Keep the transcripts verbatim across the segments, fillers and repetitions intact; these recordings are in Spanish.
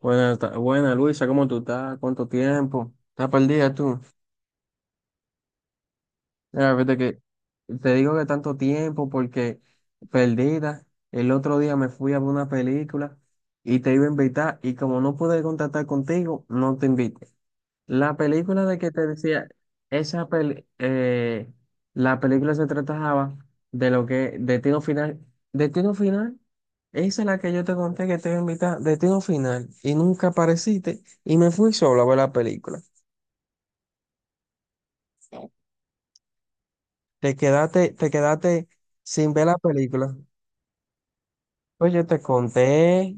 Buena, ta- buena Luisa, ¿cómo tú estás? ¿Cuánto tiempo? ¿Estás perdida tú? Mira, fíjate que te digo que tanto tiempo porque perdida. El otro día me fui a ver una película y te iba a invitar y como no pude contactar contigo, no te invité. La película de que te decía, esa pel- eh, la película se trataba de lo que, Destino Final, Destino Final, esa es la que yo te conté que te iba a invitar, Destino Final, y nunca apareciste, y me fui solo a ver la película. Te quedaste, te quedaste sin ver la película. Pues yo te conté.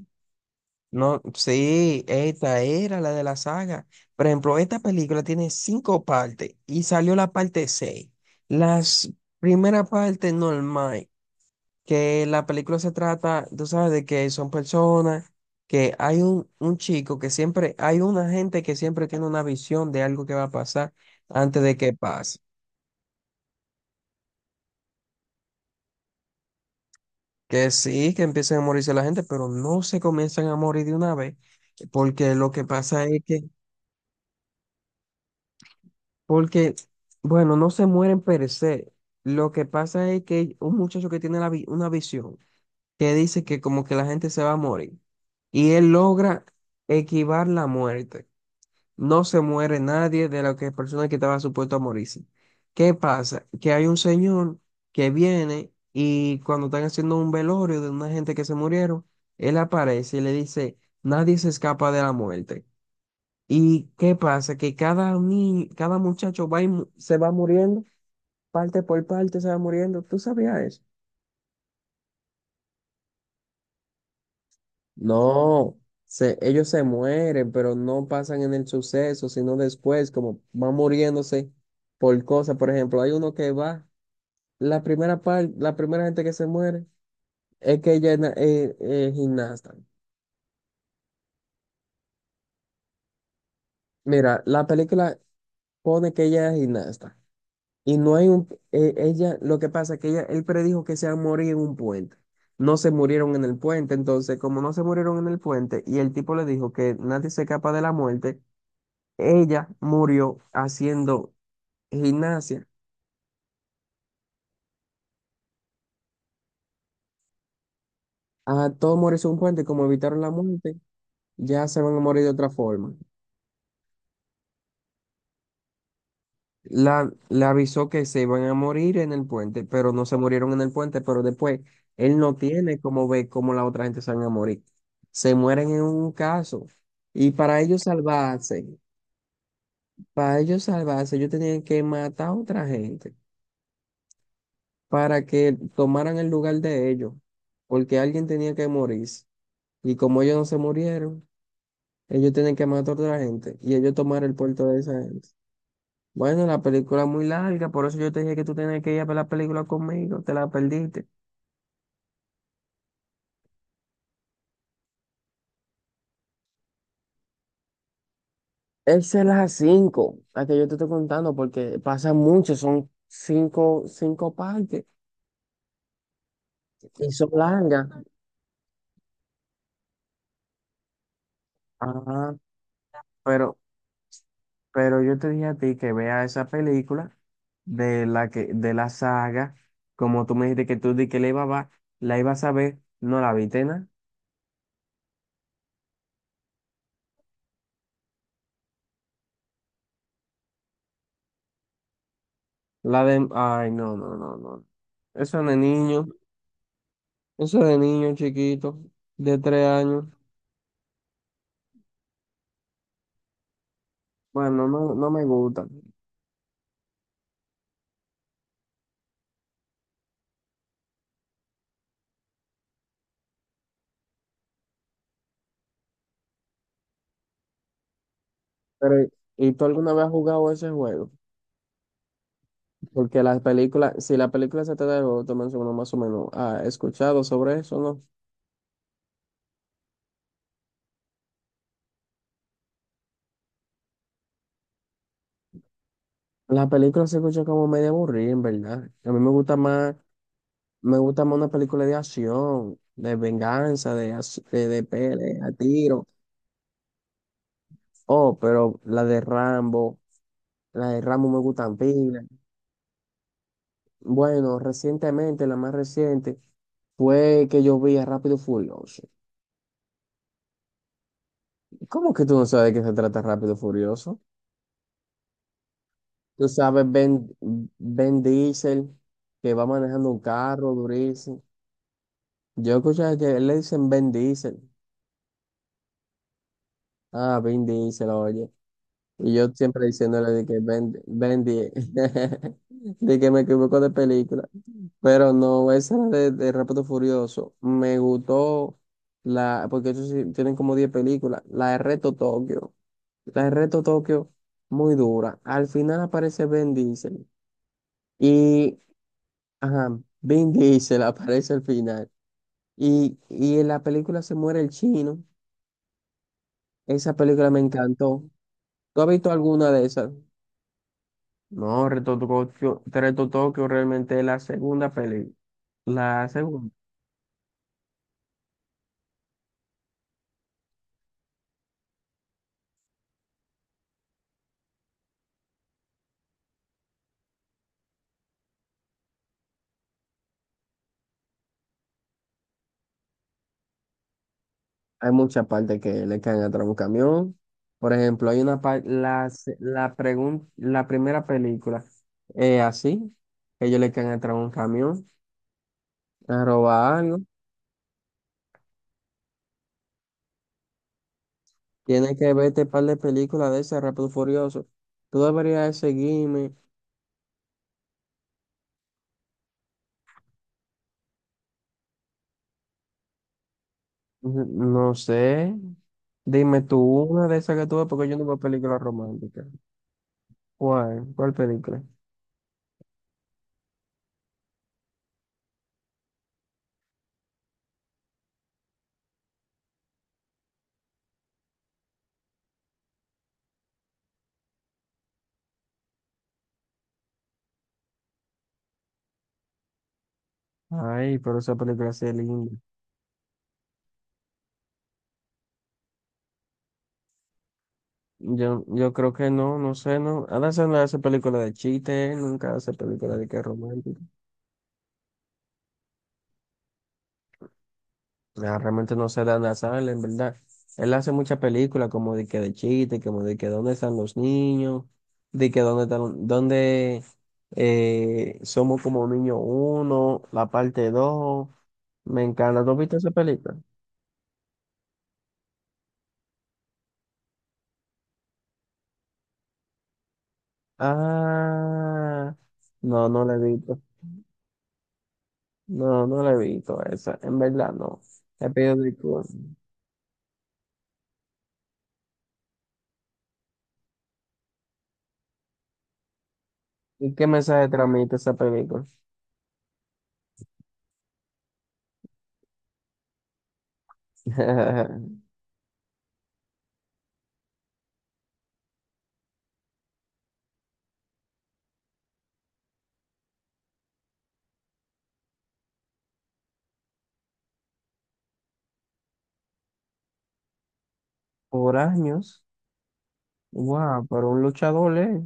No, sí, esta era la de la saga. Por ejemplo, esta película tiene cinco partes y salió la parte seis. Las primera parte normal, que la película se trata, tú sabes, de que son personas, que hay un, un chico que siempre, hay una gente que siempre tiene una visión de algo que va a pasar antes de que pase. Que sí, que empiecen a morirse la gente, pero no se comienzan a morir de una vez, porque lo que pasa es que porque, bueno, no se mueren per se. Lo que pasa es que un muchacho que tiene la vi- una visión que dice que como que la gente se va a morir y él logra esquivar la muerte. No se muere nadie de las que personas que estaba supuesto a morirse. ¿Qué pasa? Que hay un señor que viene y cuando están haciendo un velorio de una gente que se murieron, él aparece y le dice, nadie se escapa de la muerte. ¿Y qué pasa? Que cada ni cada muchacho va y mu- se va muriendo, parte por parte se va muriendo. ¿Tú sabías eso? No, se, ellos se mueren, pero no pasan en el suceso, sino después, como van muriéndose por cosas. Por ejemplo, hay uno que va, la primera par- la primera gente que se muere es que ella es na- eh, eh, gimnasta. Mira, la película pone que ella es gimnasta. Y no hay un, eh, ella, lo que pasa es que ella, él predijo que se iba a morir en un puente. No se murieron en el puente, entonces como no se murieron en el puente y el tipo le dijo que nadie se escapa de la muerte, ella murió haciendo gimnasia. A todos morirse en un puente, como evitaron la muerte, ya se van a morir de otra forma. La, le avisó que se iban a morir en el puente, pero no se murieron en el puente, pero después él no tiene cómo ver cómo la otra gente se van a morir. Se mueren en un caso. Y para ellos salvarse, para ellos salvarse, ellos tenían que matar a otra gente para que tomaran el lugar de ellos, porque alguien tenía que morirse. Y como ellos no se murieron, ellos tienen que matar a otra gente y ellos tomaron el puerto de esa gente. Bueno, la película es muy larga, por eso yo te dije que tú tenías que ir a ver la película conmigo, te la perdiste. Esa es la cinco, la que yo te estoy contando, porque pasa mucho, son cinco, cinco partes y son largas. Ajá, pero, pero yo te dije a ti que vea esa película de la que, de la saga, como tú me dijiste que tú di que la iba a ver, la ibas a ver, no la viste, nada. La de, ay, no, no, no, no. Eso es de niño, eso es de niño chiquito, de tres años. Bueno, no me, no me gustan. Pero, ¿y tú alguna vez has jugado ese juego? Porque las películas, si la película se trata de juego, tú mencionas más o menos, ¿ha escuchado sobre eso, no? La película se escucha como medio aburrida, en verdad. A mí me gusta más, me gusta más una película de acción, de venganza, de, ac- de, de pelea, tiro. Oh, pero la de Rambo, la de Rambo me gustan pila. Bueno, recientemente, la más reciente, fue que yo vi a Rápido y Furioso. ¿Cómo que tú no sabes de qué se trata Rápido y Furioso? Tú sabes Ben, Ben Diesel, que va manejando un carro durísimo. Yo escuché que le dicen Ben Diesel. Ah, Ben Diesel, oye. Y yo siempre diciéndole de que Ben Ben Bendy, de que me equivoco de película. Pero no, esa era de, de Rápido Furioso. Me gustó la, porque ellos sí tienen como diez películas. La de Reto Tokio. La de Reto Tokio, muy dura. Al final aparece Ben Diesel. Y, ajá, Ben Diesel aparece al final. Y, y en la película se muere el chino. Esa película me encantó. ¿Tú has visto alguna de esas? No, Reto Tokio, Reto Tokio realmente es la segunda peli. La segunda. Hay muchas partes que le caen atrás a un camión. Por ejemplo, hay una parte, la, se- la, pregun- la primera película es así, que ellos le caen atrás a un camión a robar algo. Tienes que verte un par de películas de ese Rápido y Furioso. Tú deberías de seguirme. N- No sé. Dime tú una de esas que tú ves, porque yo no veo películas románticas. ¿Cuál? ¿Cuál película? Ay, pero esa película sí es linda. Yo, yo creo que no, no sé, no. Adam no hace película de chiste, él nunca hace película de que romántica. Ah, realmente no sé de Adam Sandler, en verdad. Él hace muchas películas como de que de chiste, como de que dónde están los niños, de que dónde están, dónde eh, somos como niño uno, la parte dos. Me encanta. ¿Tú has visto esa película? Ah, no, no la he visto. No, no la he visto esa, en verdad no. Te pido disculpas. ¿Y qué mensaje transmite esa película? Por años, wow, pero un luchador, ¿eh?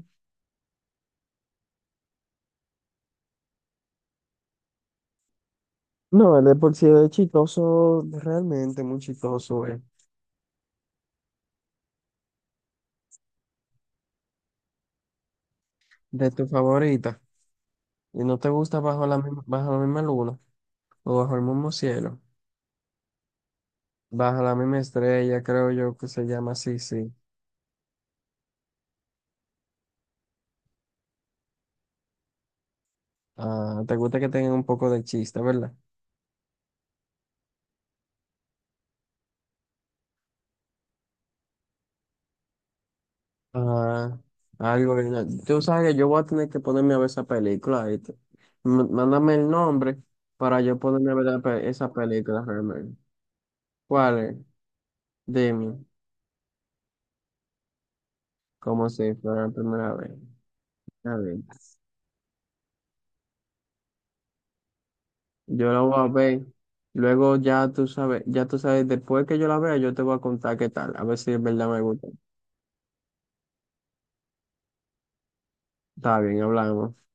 No, él de por sí es chistoso, realmente muy chistoso, ¿eh? De tu favorita. Y no te gusta bajo la misma, bajo la misma luna o bajo el mismo cielo. Bajo la misma estrella, creo yo que se llama así, sí. Ah, te gusta que tengan un poco de chiste, ¿verdad? Ah, algo original. Tú sabes que yo voy a tener que ponerme a ver esa película. ¿Viste? M- Mándame el nombre para yo ponerme a ver la pe- esa película realmente. ¿Cuál es? Dime, como si fuera la primera vez. A ver, yo la voy a ver. Luego ya tú sabes, ya tú sabes, después que yo la vea, yo te voy a contar qué tal. A ver si es verdad me gusta. Está bien, hablamos.